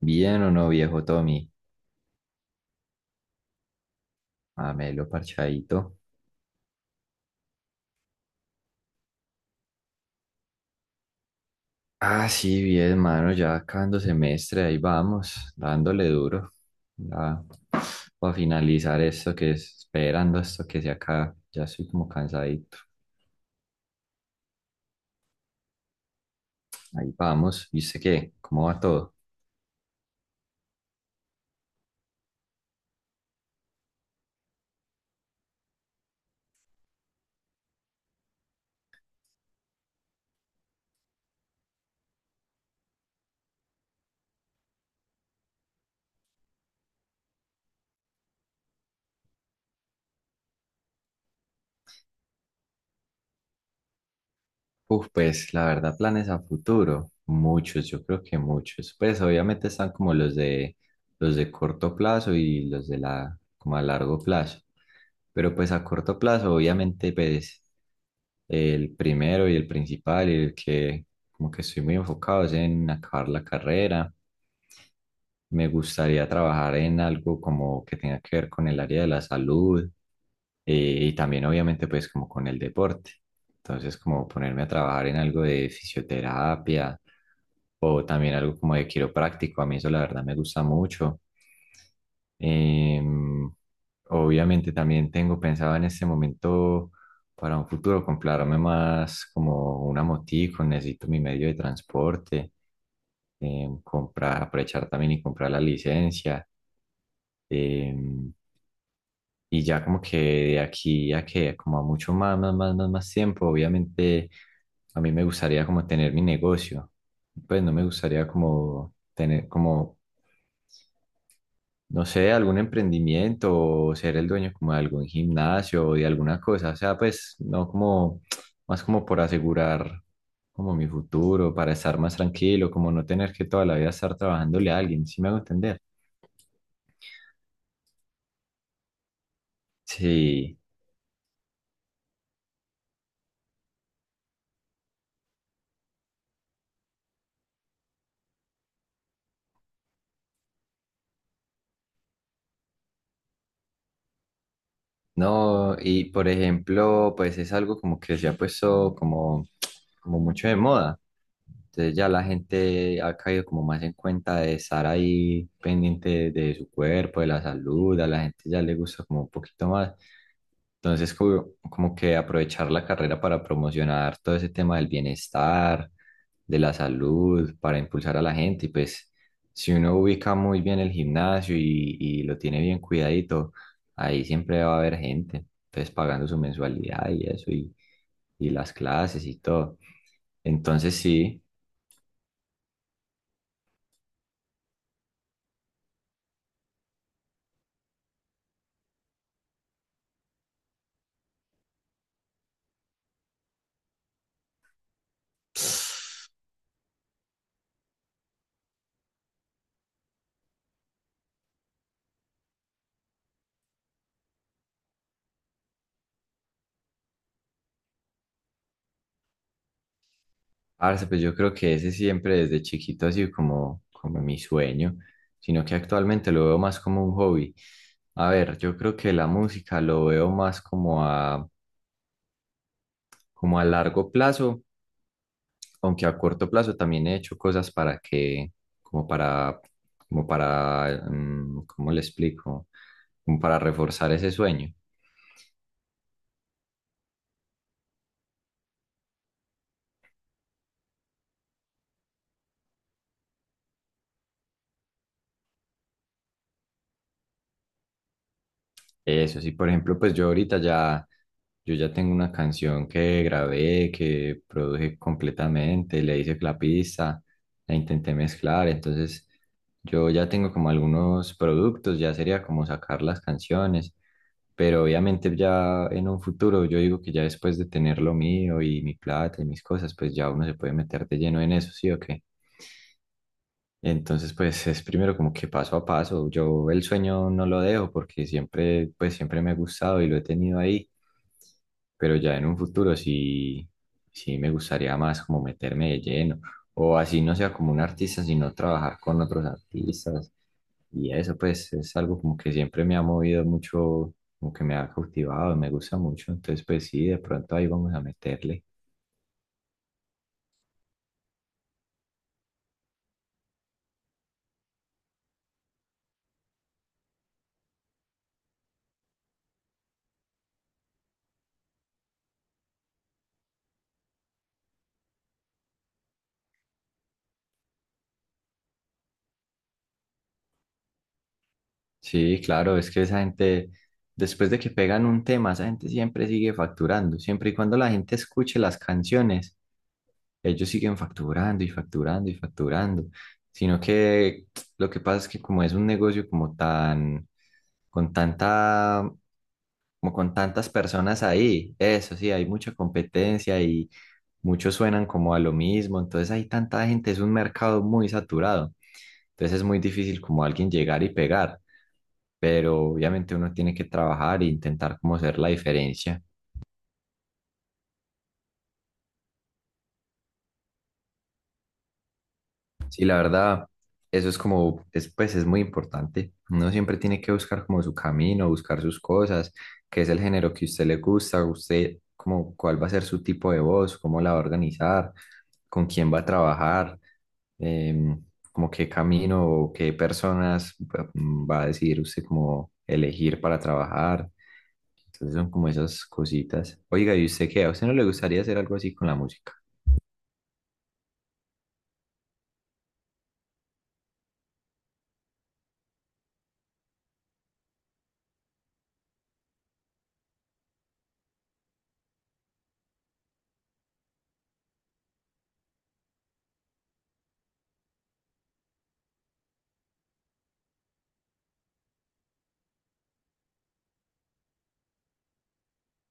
Bien o no, viejo Tommy. Amelo parchadito. Sí, bien, mano. Ya acabando semestre, ahí vamos, dándole duro. Ya, para finalizar esto que es, esperando esto que se acaba. Ya estoy como cansadito. Ahí vamos. ¿Y qué? ¿Cómo va todo? Pues la verdad, planes a futuro, muchos, yo creo que muchos. Pues obviamente están como los de corto plazo y los de la como a largo plazo. Pero pues a corto plazo, obviamente, pues el primero y el principal y el que como que estoy muy enfocado es en acabar la carrera. Me gustaría trabajar en algo como que tenga que ver con el área de la salud, y también obviamente pues como con el deporte. Entonces como ponerme a trabajar en algo de fisioterapia o también algo como de quiropráctico. A mí eso la verdad me gusta mucho. Em, obviamente también tengo pensado en este momento para un futuro comprarme más como una motico, necesito mi medio de transporte. Comprar, aprovechar también y comprar la licencia. eh, y ya como que de aquí a que, como a mucho más tiempo, obviamente a mí me gustaría como tener mi negocio. Pues no me gustaría como tener como no sé, algún emprendimiento o ser el dueño como de algún gimnasio o de alguna cosa. O sea, pues no como, más como por asegurar como mi futuro, para estar más tranquilo, como no tener que toda la vida estar trabajándole a alguien, ¿sí me hago entender? Sí. No, y por ejemplo, pues es algo como que se ha puesto como, como mucho de moda. Entonces ya la gente ha caído como más en cuenta de estar ahí pendiente de su cuerpo, de la salud, a la gente ya le gusta como un poquito más. Entonces como, como que aprovechar la carrera para promocionar todo ese tema del bienestar, de la salud, para impulsar a la gente. Y pues si uno ubica muy bien el gimnasio y lo tiene bien cuidadito, ahí siempre va a haber gente, entonces pagando su mensualidad y eso, y las clases y todo. Entonces sí, parce, pues yo creo que ese siempre desde chiquito ha sido como, como mi sueño, sino que actualmente lo veo más como un hobby. A ver, yo creo que la música lo veo más como a, como a largo plazo, aunque a corto plazo también he hecho cosas para que, como para, como para, ¿cómo le explico? Como para reforzar ese sueño. Eso sí, por ejemplo, pues yo ahorita ya, yo ya tengo una canción que grabé, que produje completamente, le hice la pista, la intenté mezclar, entonces yo ya tengo como algunos productos, ya sería como sacar las canciones, pero obviamente ya en un futuro, yo digo que ya después de tener lo mío y mi plata y mis cosas, pues ya uno se puede meter de lleno en eso, ¿sí o qué? Entonces, pues es primero como que paso a paso. Yo el sueño no lo dejo porque siempre, pues siempre me ha gustado y lo he tenido ahí, pero ya en un futuro sí, sí me gustaría más como meterme de lleno. O así no sea como un artista, sino trabajar con otros artistas. Y eso pues es algo como que siempre me ha movido mucho, como que me ha cautivado, me gusta mucho. Entonces, pues sí, de pronto ahí vamos a meterle. Sí, claro, es que esa gente, después de que pegan un tema, esa gente siempre sigue facturando. Siempre y cuando la gente escuche las canciones, ellos siguen facturando y facturando y facturando. Sino que lo que pasa es que como es un negocio como tan, con tanta, como con tantas personas ahí, eso sí, hay mucha competencia y muchos suenan como a lo mismo. Entonces hay tanta gente, es un mercado muy saturado. Entonces es muy difícil como alguien llegar y pegar, pero obviamente uno tiene que trabajar e intentar como hacer la diferencia. Sí, la verdad, eso es como, es, pues es muy importante. Uno siempre tiene que buscar como su camino, buscar sus cosas, qué es el género que a usted le gusta, usted como cuál va a ser su tipo de voz, cómo la va a organizar, con quién va a trabajar, em, como qué camino o qué personas va a decidir usted como elegir para trabajar. Entonces son como esas cositas. Oiga, ¿y usted qué? ¿A usted no le gustaría hacer algo así con la música?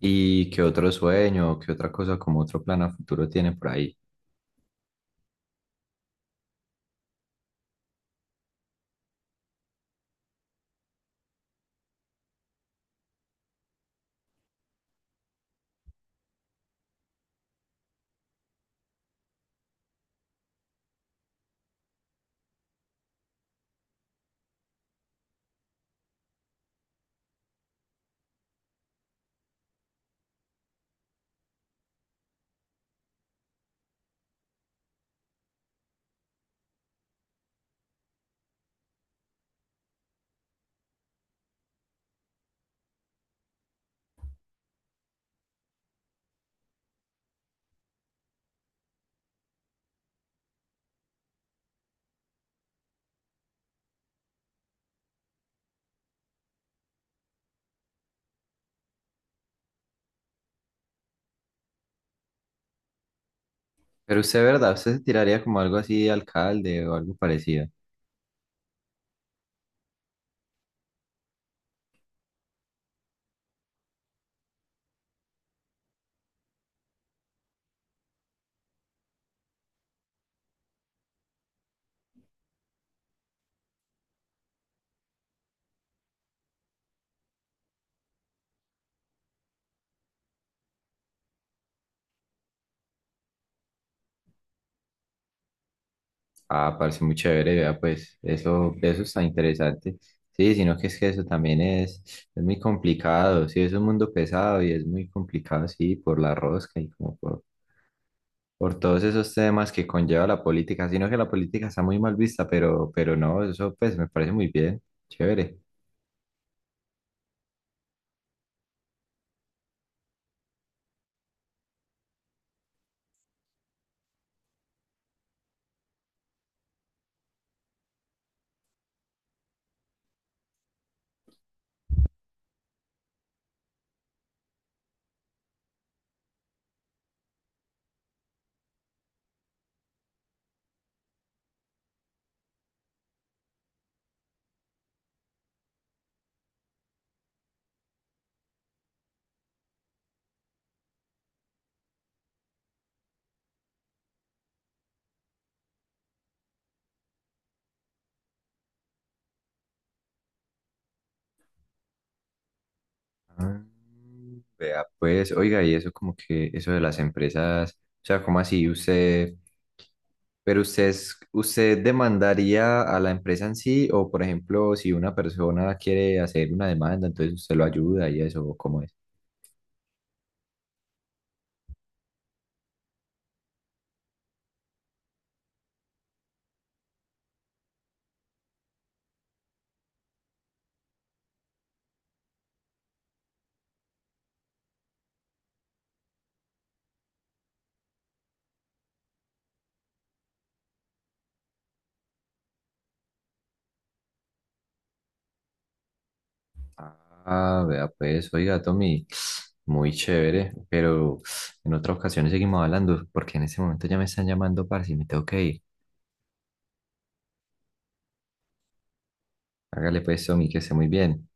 ¿Y qué otro sueño, qué otra cosa, como otro plan a futuro tiene por ahí? Pero usted, ¿verdad? ¿Usted se tiraría como algo así de alcalde o algo parecido? Ah, parece muy chévere, vea, pues eso está interesante. Sí, sino que es que eso también es muy complicado, sí, es un mundo pesado y es muy complicado, sí, por la rosca y como por todos esos temas que conlleva la política, sino que la política está muy mal vista, pero no, eso pues me parece muy bien, chévere. Ah, Vea, pues, oiga, y eso como que, eso de las empresas, o sea, ¿cómo así? Usted, pero usted, usted demandaría a la empresa en sí, o por ejemplo, si una persona quiere hacer una demanda, entonces usted lo ayuda y eso, ¿cómo es? Ah, vea pues, oiga, Tommy, muy chévere, pero en otra ocasión seguimos hablando, porque en este momento ya me están llamando, parce, y me tengo que ir. Hágale pues, Tommy, que esté muy bien.